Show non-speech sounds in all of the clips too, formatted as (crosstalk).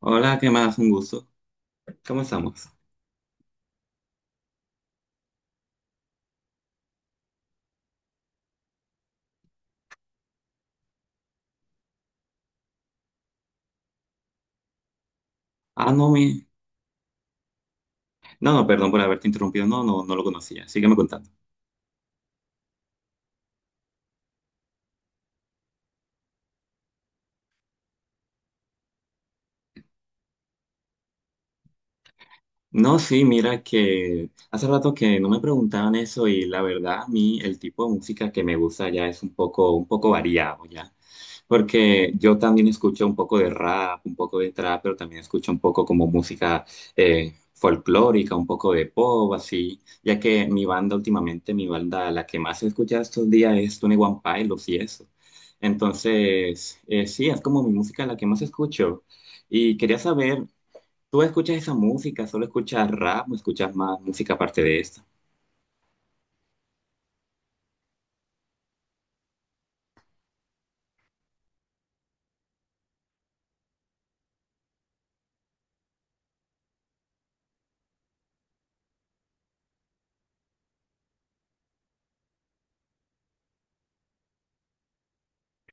Hola, ¿qué más? Un gusto. ¿Cómo estamos? Ah, no, mi... No, no, perdón por haberte interrumpido. No, no, no lo conocía. Sígueme contando. No, sí, mira que hace rato que no me preguntaban eso y la verdad a mí el tipo de música que me gusta ya es un poco variado ya, porque yo también escucho un poco de rap, un poco de trap, pero también escucho un poco como música folclórica, un poco de pop, así, ya que mi banda últimamente, mi banda, la que más he escuchado estos días es Tony One Pilots y eso. Entonces, sí, es como mi música la que más escucho. Y quería saber, tú escuchas esa música, ¿solo escuchas rap, o escuchas más música aparte de esta?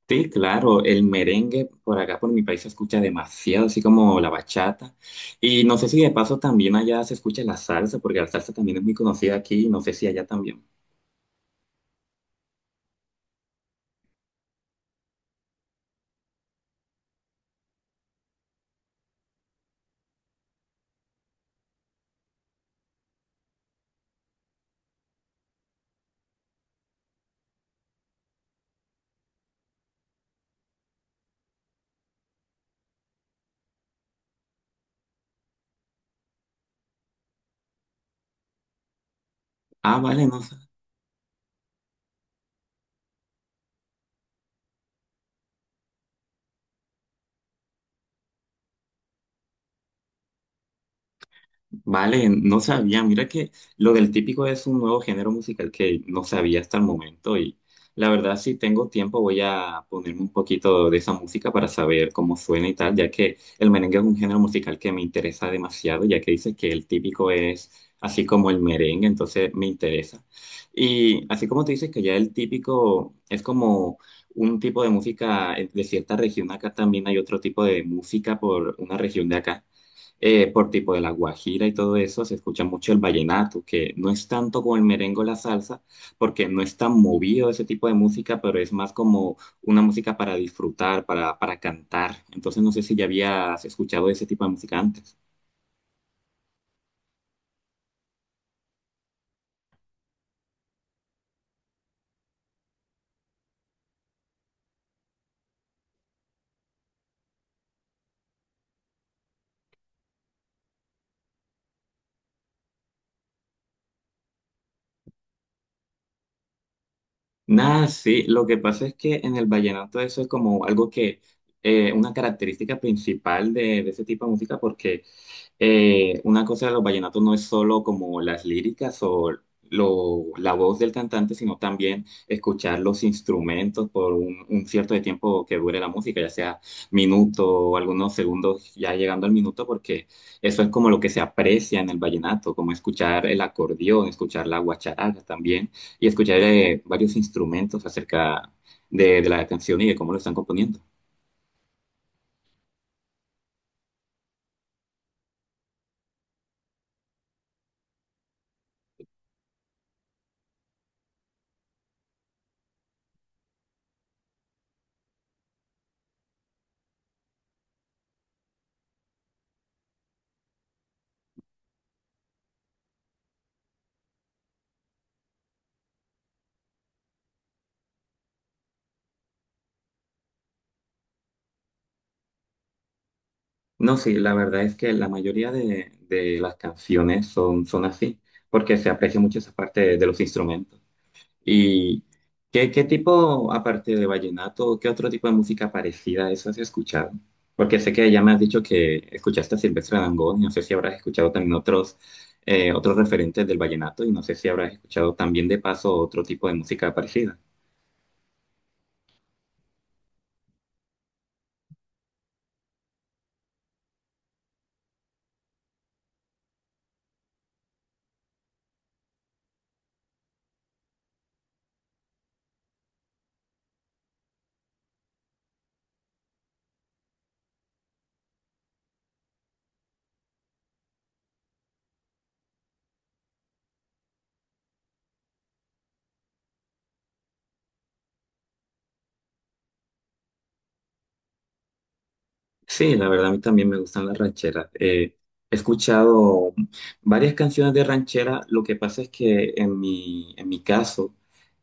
Sí, claro, el merengue por acá, por mi país, se escucha demasiado, así como la bachata. Y no sé si de paso también allá se escucha la salsa, porque la salsa también es muy conocida aquí, y no sé si allá también. Ah, vale, no. Vale, no sabía. Mira que lo del típico es un nuevo género musical que no sabía hasta el momento y la verdad si tengo tiempo voy a ponerme un poquito de esa música para saber cómo suena y tal, ya que el merengue es un género musical que me interesa demasiado, ya que dice que el típico es así como el merengue, entonces me interesa. Y así como te dices que ya el típico es como un tipo de música de cierta región, acá también hay otro tipo de música por una región de acá por tipo de la guajira y todo eso, se escucha mucho el vallenato, que no es tanto como el merengue o la salsa, porque no es tan movido ese tipo de música, pero es más como una música para disfrutar, para cantar. Entonces no sé si ya habías escuchado ese tipo de música antes. Nada, sí, lo que pasa es que en el vallenato eso es como algo que, una característica principal de ese tipo de música, porque una cosa de los vallenatos no es solo como las líricas o la voz del cantante, sino también escuchar los instrumentos por un cierto de tiempo que dure la música, ya sea minuto o algunos segundos ya llegando al minuto, porque eso es como lo que se aprecia en el vallenato, como escuchar el acordeón, escuchar la guacharaca también y escucharé varios instrumentos acerca de la canción y de cómo lo están componiendo. No, sí, la verdad es que la mayoría de las canciones son, son así, porque se aprecia mucho esa parte de los instrumentos. ¿Y qué, qué tipo, aparte de vallenato, qué otro tipo de música parecida a eso has escuchado? Porque sé que ya me has dicho que escuchaste a Silvestre Dangond, y no sé si habrás escuchado también otros, otros referentes del vallenato, y no sé si habrás escuchado también de paso otro tipo de música parecida. Sí, la verdad a mí también me gustan las rancheras. He escuchado varias canciones de ranchera. Lo que pasa es que en mi caso,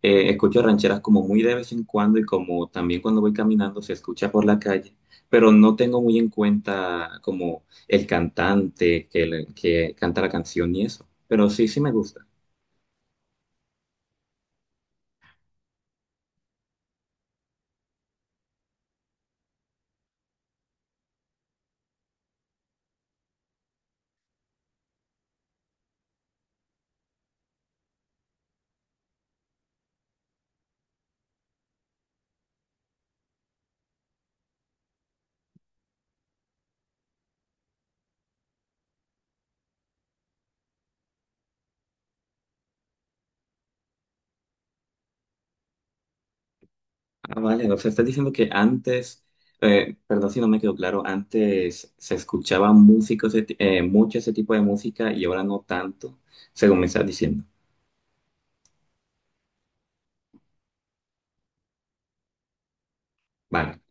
escucho rancheras como muy de vez en cuando y como también cuando voy caminando se escucha por la calle, pero no tengo muy en cuenta como el cantante que, que canta la canción y eso. Pero sí, sí me gusta. Ah, vale, o sea, estás diciendo que antes, perdón si no me quedó claro, antes se escuchaba música, mucho ese tipo de música y ahora no tanto, según me estás diciendo. Vale.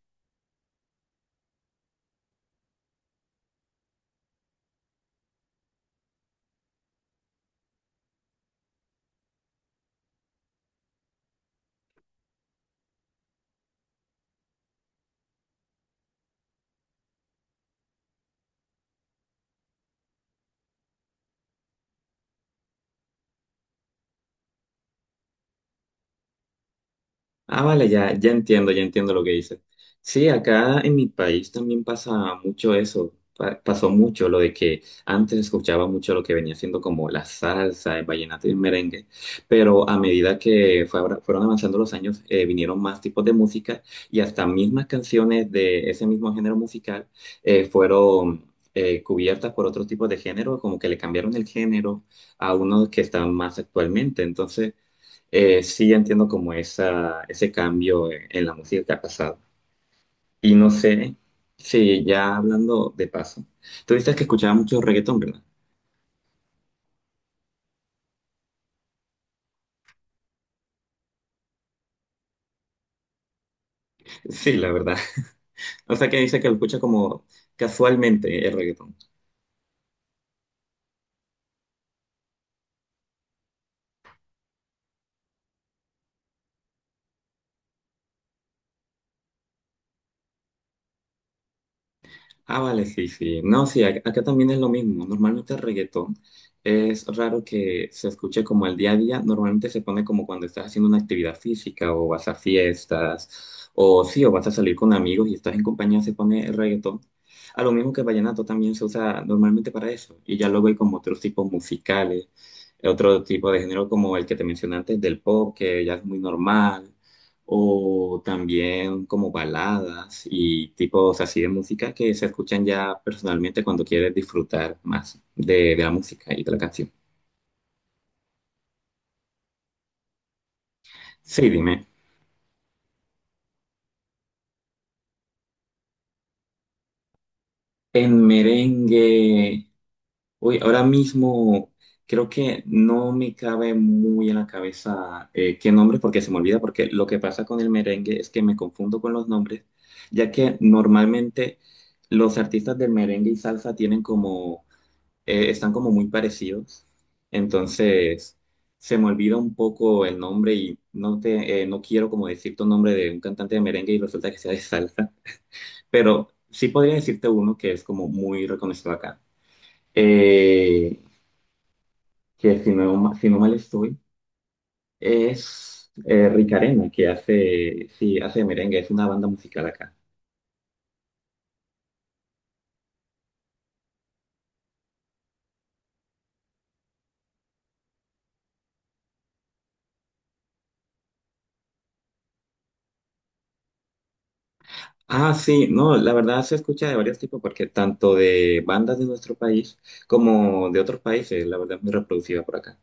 Ah, vale, ya, ya entiendo lo que dices. Sí, acá en mi país también pasa mucho eso. Pasó mucho lo de que antes escuchaba mucho lo que venía siendo como la salsa, el vallenato y el merengue, pero a medida que fueron avanzando los años, vinieron más tipos de música y hasta mismas canciones de ese mismo género musical fueron cubiertas por otros tipos de género, como que le cambiaron el género a unos que están más actualmente. Entonces... sí, entiendo como esa, ese cambio en la música que ha pasado. Y no sé si ya hablando de paso, tú dices que escuchaba mucho reggaetón, ¿verdad? Sí, la verdad. (laughs) O sea que dice que lo escucha como casualmente el reggaetón. Ah, vale, sí, sí. No, sí, acá también es lo mismo. Normalmente el reggaetón es raro que se escuche como el día a día. Normalmente se pone como cuando estás haciendo una actividad física o vas a fiestas o sí, o vas a salir con amigos y estás en compañía, se pone el reggaetón. A lo mismo que el vallenato también se usa normalmente para eso. Y ya luego hay como otros tipos musicales, otro tipo de género como el que te mencioné antes del pop, que ya es muy normal o también como baladas y tipos así de música que se escuchan ya personalmente cuando quieres disfrutar más de la música y de la canción. Sí, dime. En merengue, uy, ahora mismo creo que no me cabe muy en la cabeza qué nombre porque se me olvida, porque lo que pasa con el merengue es que me confundo con los nombres, ya que normalmente los artistas del merengue y salsa tienen como están como muy parecidos. Entonces, se me olvida un poco el nombre y no te, no quiero como decirte un nombre de un cantante de merengue y resulta que sea de salsa, pero sí podría decirte uno que es como muy reconocido acá. Eh, que si no, si no mal estoy, es Rick que hace, sí, hace merengue, es una banda musical acá. Ah, sí, no, la verdad se escucha de varios tipos, porque tanto de bandas de nuestro país como de otros países, la verdad es muy reproducida por acá.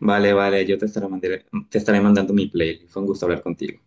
Vale, vale, yo te estaré, te estaré mandando mi playlist. Fue un gusto hablar contigo.